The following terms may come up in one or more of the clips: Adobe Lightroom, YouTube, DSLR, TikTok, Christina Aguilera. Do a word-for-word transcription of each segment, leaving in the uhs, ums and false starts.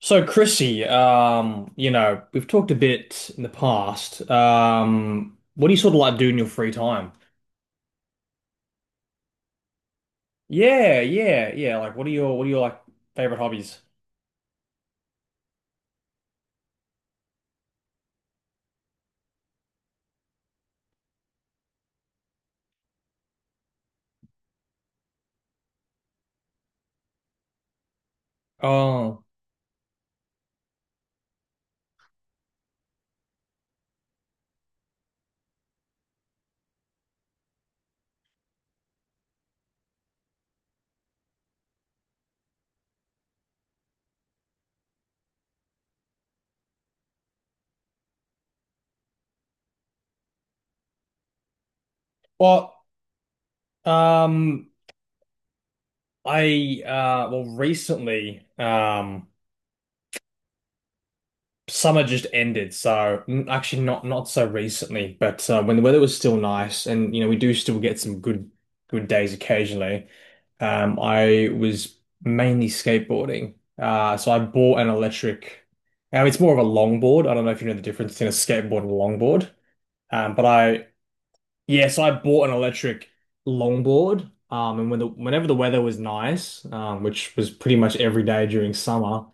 So Chrissy, um, you know, we've talked a bit in the past. Um, what do you sort of like do in your free time? Yeah, yeah, yeah. Like, what are your what are your like favorite hobbies? Oh, well, um, I uh, well, Recently, um, summer just ended, so n- actually not not so recently, but uh, when the weather was still nice, and you know, we do still get some good good days occasionally. Um, I was mainly skateboarding. Uh, so I bought an electric. Um, it's more of a longboard. I don't know if you know the difference between a skateboard and a longboard. Um, but I, yeah, so I bought an electric longboard. Um, and when the whenever the weather was nice, um, which was pretty much every day during summer,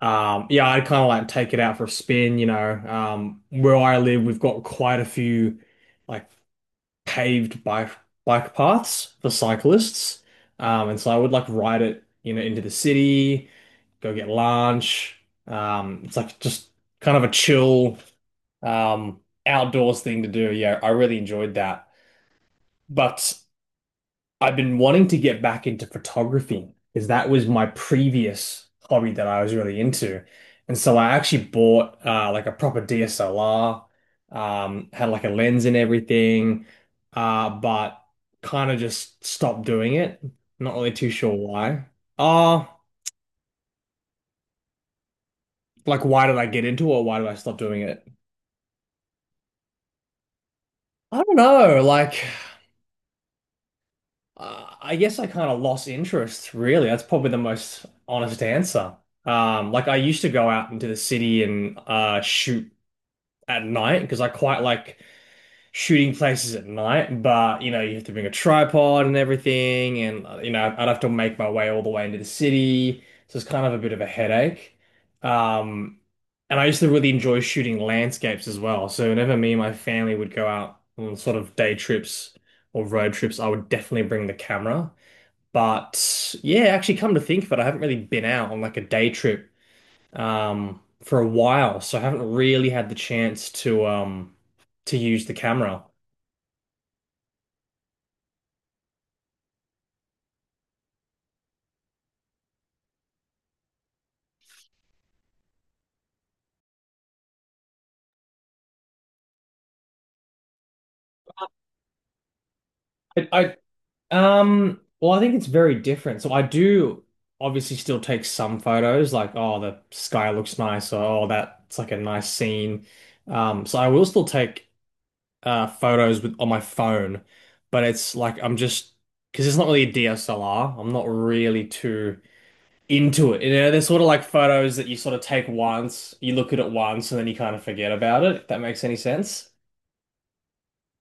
um, yeah, I'd kind of like take it out for a spin. You know, um, where I live, we've got quite a few like paved bike bike paths for cyclists. Um, and so I would like ride it, you know, into the city, go get lunch. Um, it's like just kind of a chill, um, outdoors thing to do. Yeah, I really enjoyed that. But I've been wanting to get back into photography because that was my previous hobby that I was really into. And so I actually bought uh, like a proper D S L R, um, had like a lens and everything, uh, but kind of just stopped doing it. Not really too sure why. Uh, like why did I get into it or why did I stop doing it? I don't know. Like Uh, I guess I kind of lost interest, really. That's probably the most honest answer. Um, like I used to go out into the city and uh, shoot at night because I quite like shooting places at night. But you know, you have to bring a tripod and everything, and uh, you know, I'd have to make my way all the way into the city, so it's kind of a bit of a headache. Um, and I used to really enjoy shooting landscapes as well. So whenever me and my family would go out on sort of day trips or road trips, I would definitely bring the camera. But yeah, actually, come to think of it, I haven't really been out on like a day trip um, for a while, so I haven't really had the chance to um, to use the camera. I, I um, Well, I think it's very different. So I do obviously still take some photos, like oh, the sky looks nice, or oh, that's like a nice scene. Um, so I will still take uh, photos with on my phone, but it's like I'm just because it's not really a D S L R. I'm not really too into it. You know, they're sort of like photos that you sort of take once, you look at it once, and then you kind of forget about it, if that makes any sense.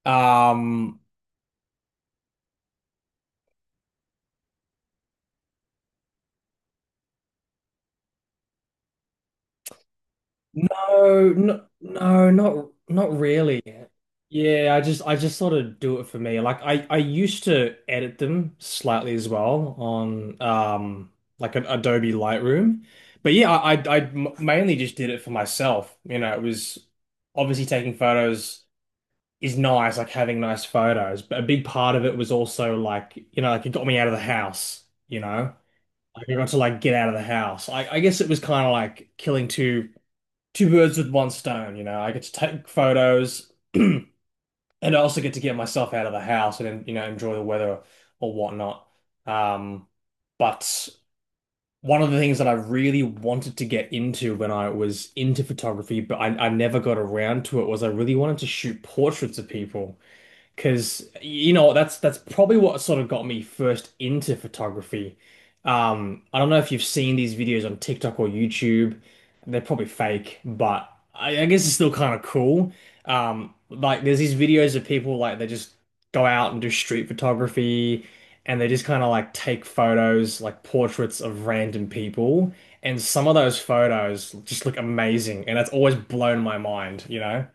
Um, no, no, no, not not really. Yeah, I just I just sort of do it for me. Like I I used to edit them slightly as well on um like an Adobe Lightroom. But yeah, I I I m- mainly just did it for myself. You know, it was obviously taking photos is nice, like having nice photos. But a big part of it was also like, you know, like it got me out of the house, you know? Like I got to like get out of the house. I, I guess it was kind of like killing two two birds with one stone, you know? I get to take photos and I also get to get myself out of the house and, you know, enjoy the weather or whatnot. Um, but one of the things that I really wanted to get into when I was into photography, but I, I never got around to it, was I really wanted to shoot portraits of people. Because you know that's that's probably what sort of got me first into photography. Um, I don't know if you've seen these videos on TikTok or YouTube. They're probably fake, but I, I guess it's still kind of cool. Um, like there's these videos of people like they just go out and do street photography, and they just kind of like take photos, like portraits of random people, and some of those photos just look amazing, and that's always blown my mind. You know,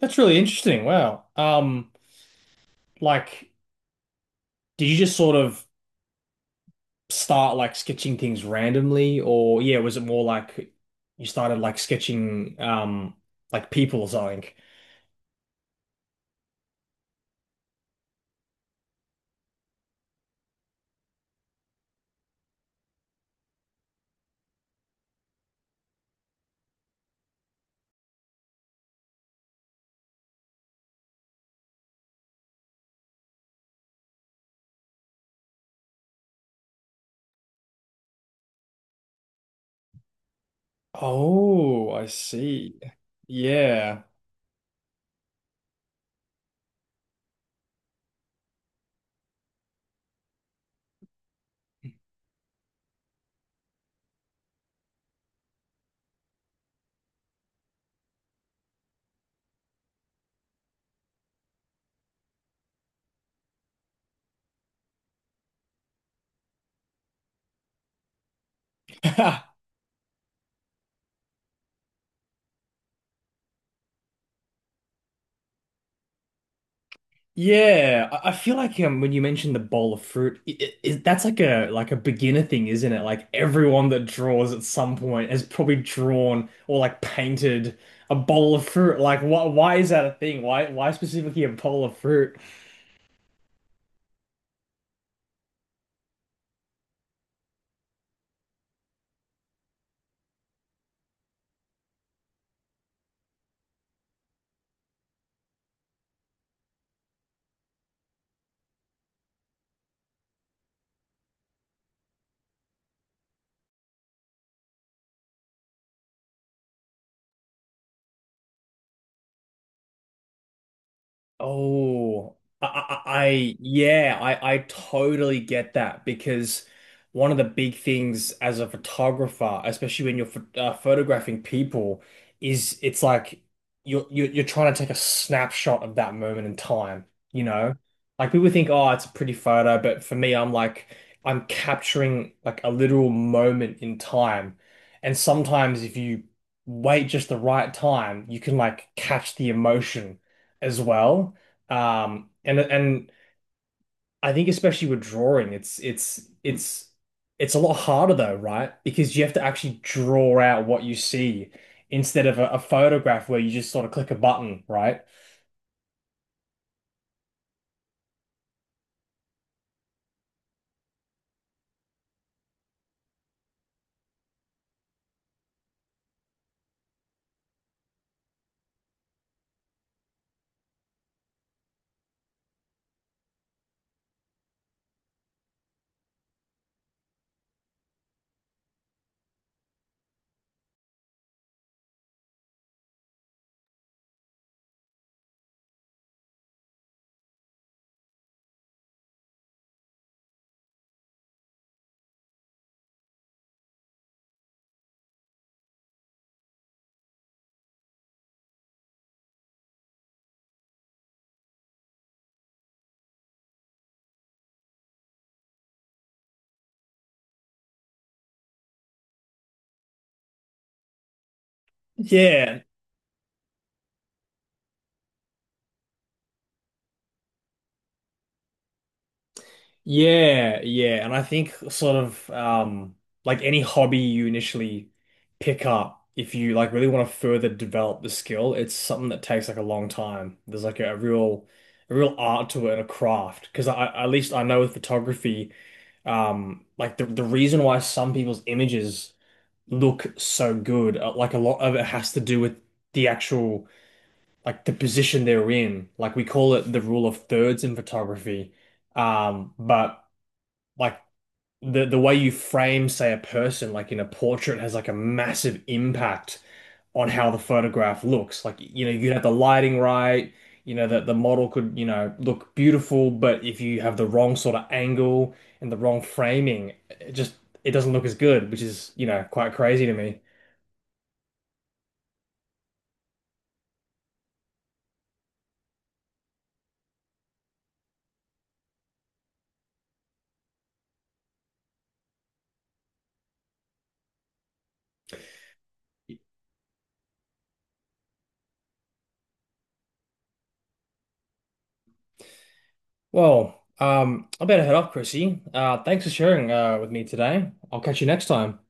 that's really interesting. Wow. Um. Like, did you just sort of start like sketching things randomly, or yeah, was it more like you started like sketching um like people or something? Oh, I see. Yeah. Yeah, I I feel like um, when you mentioned the bowl of fruit, I I that's like a like a beginner thing, isn't it? Like everyone that draws at some point has probably drawn or like painted a bowl of fruit. Like, why why is that a thing? Why why specifically a bowl of fruit? Oh, I, I, I Yeah, I, I totally get that because one of the big things as a photographer, especially when you're ph uh, photographing people, is it's like you're, you're you're trying to take a snapshot of that moment in time, you know? Like people think, oh, it's a pretty photo, but for me, I'm like I'm capturing like a literal moment in time, and sometimes if you wait just the right time, you can like catch the emotion as well. Um, and and I think especially with drawing, it's it's it's it's a lot harder though, right? Because you have to actually draw out what you see instead of a, a photograph where you just sort of click a button, right? Yeah, yeah, yeah. And I think sort of um like any hobby you initially pick up, if you like really want to further develop the skill, it's something that takes like a long time. There's like a, real a real art to it and a craft. Because I at least I know with photography, um like the the reason why some people's images look so good, uh, like a lot of it has to do with the actual like the position they're in. Like we call it the rule of thirds in photography. Um, but like the the way you frame, say, a person, like in a portrait, has like a massive impact on how the photograph looks. Like, you know, you have the lighting right, you know, that the model could, you know, look beautiful, but if you have the wrong sort of angle and the wrong framing, it just it doesn't look as good, which is, you know, quite crazy to me. Well, um, I better head off, Chrissy. Uh, thanks for sharing uh, with me today. I'll catch you next time.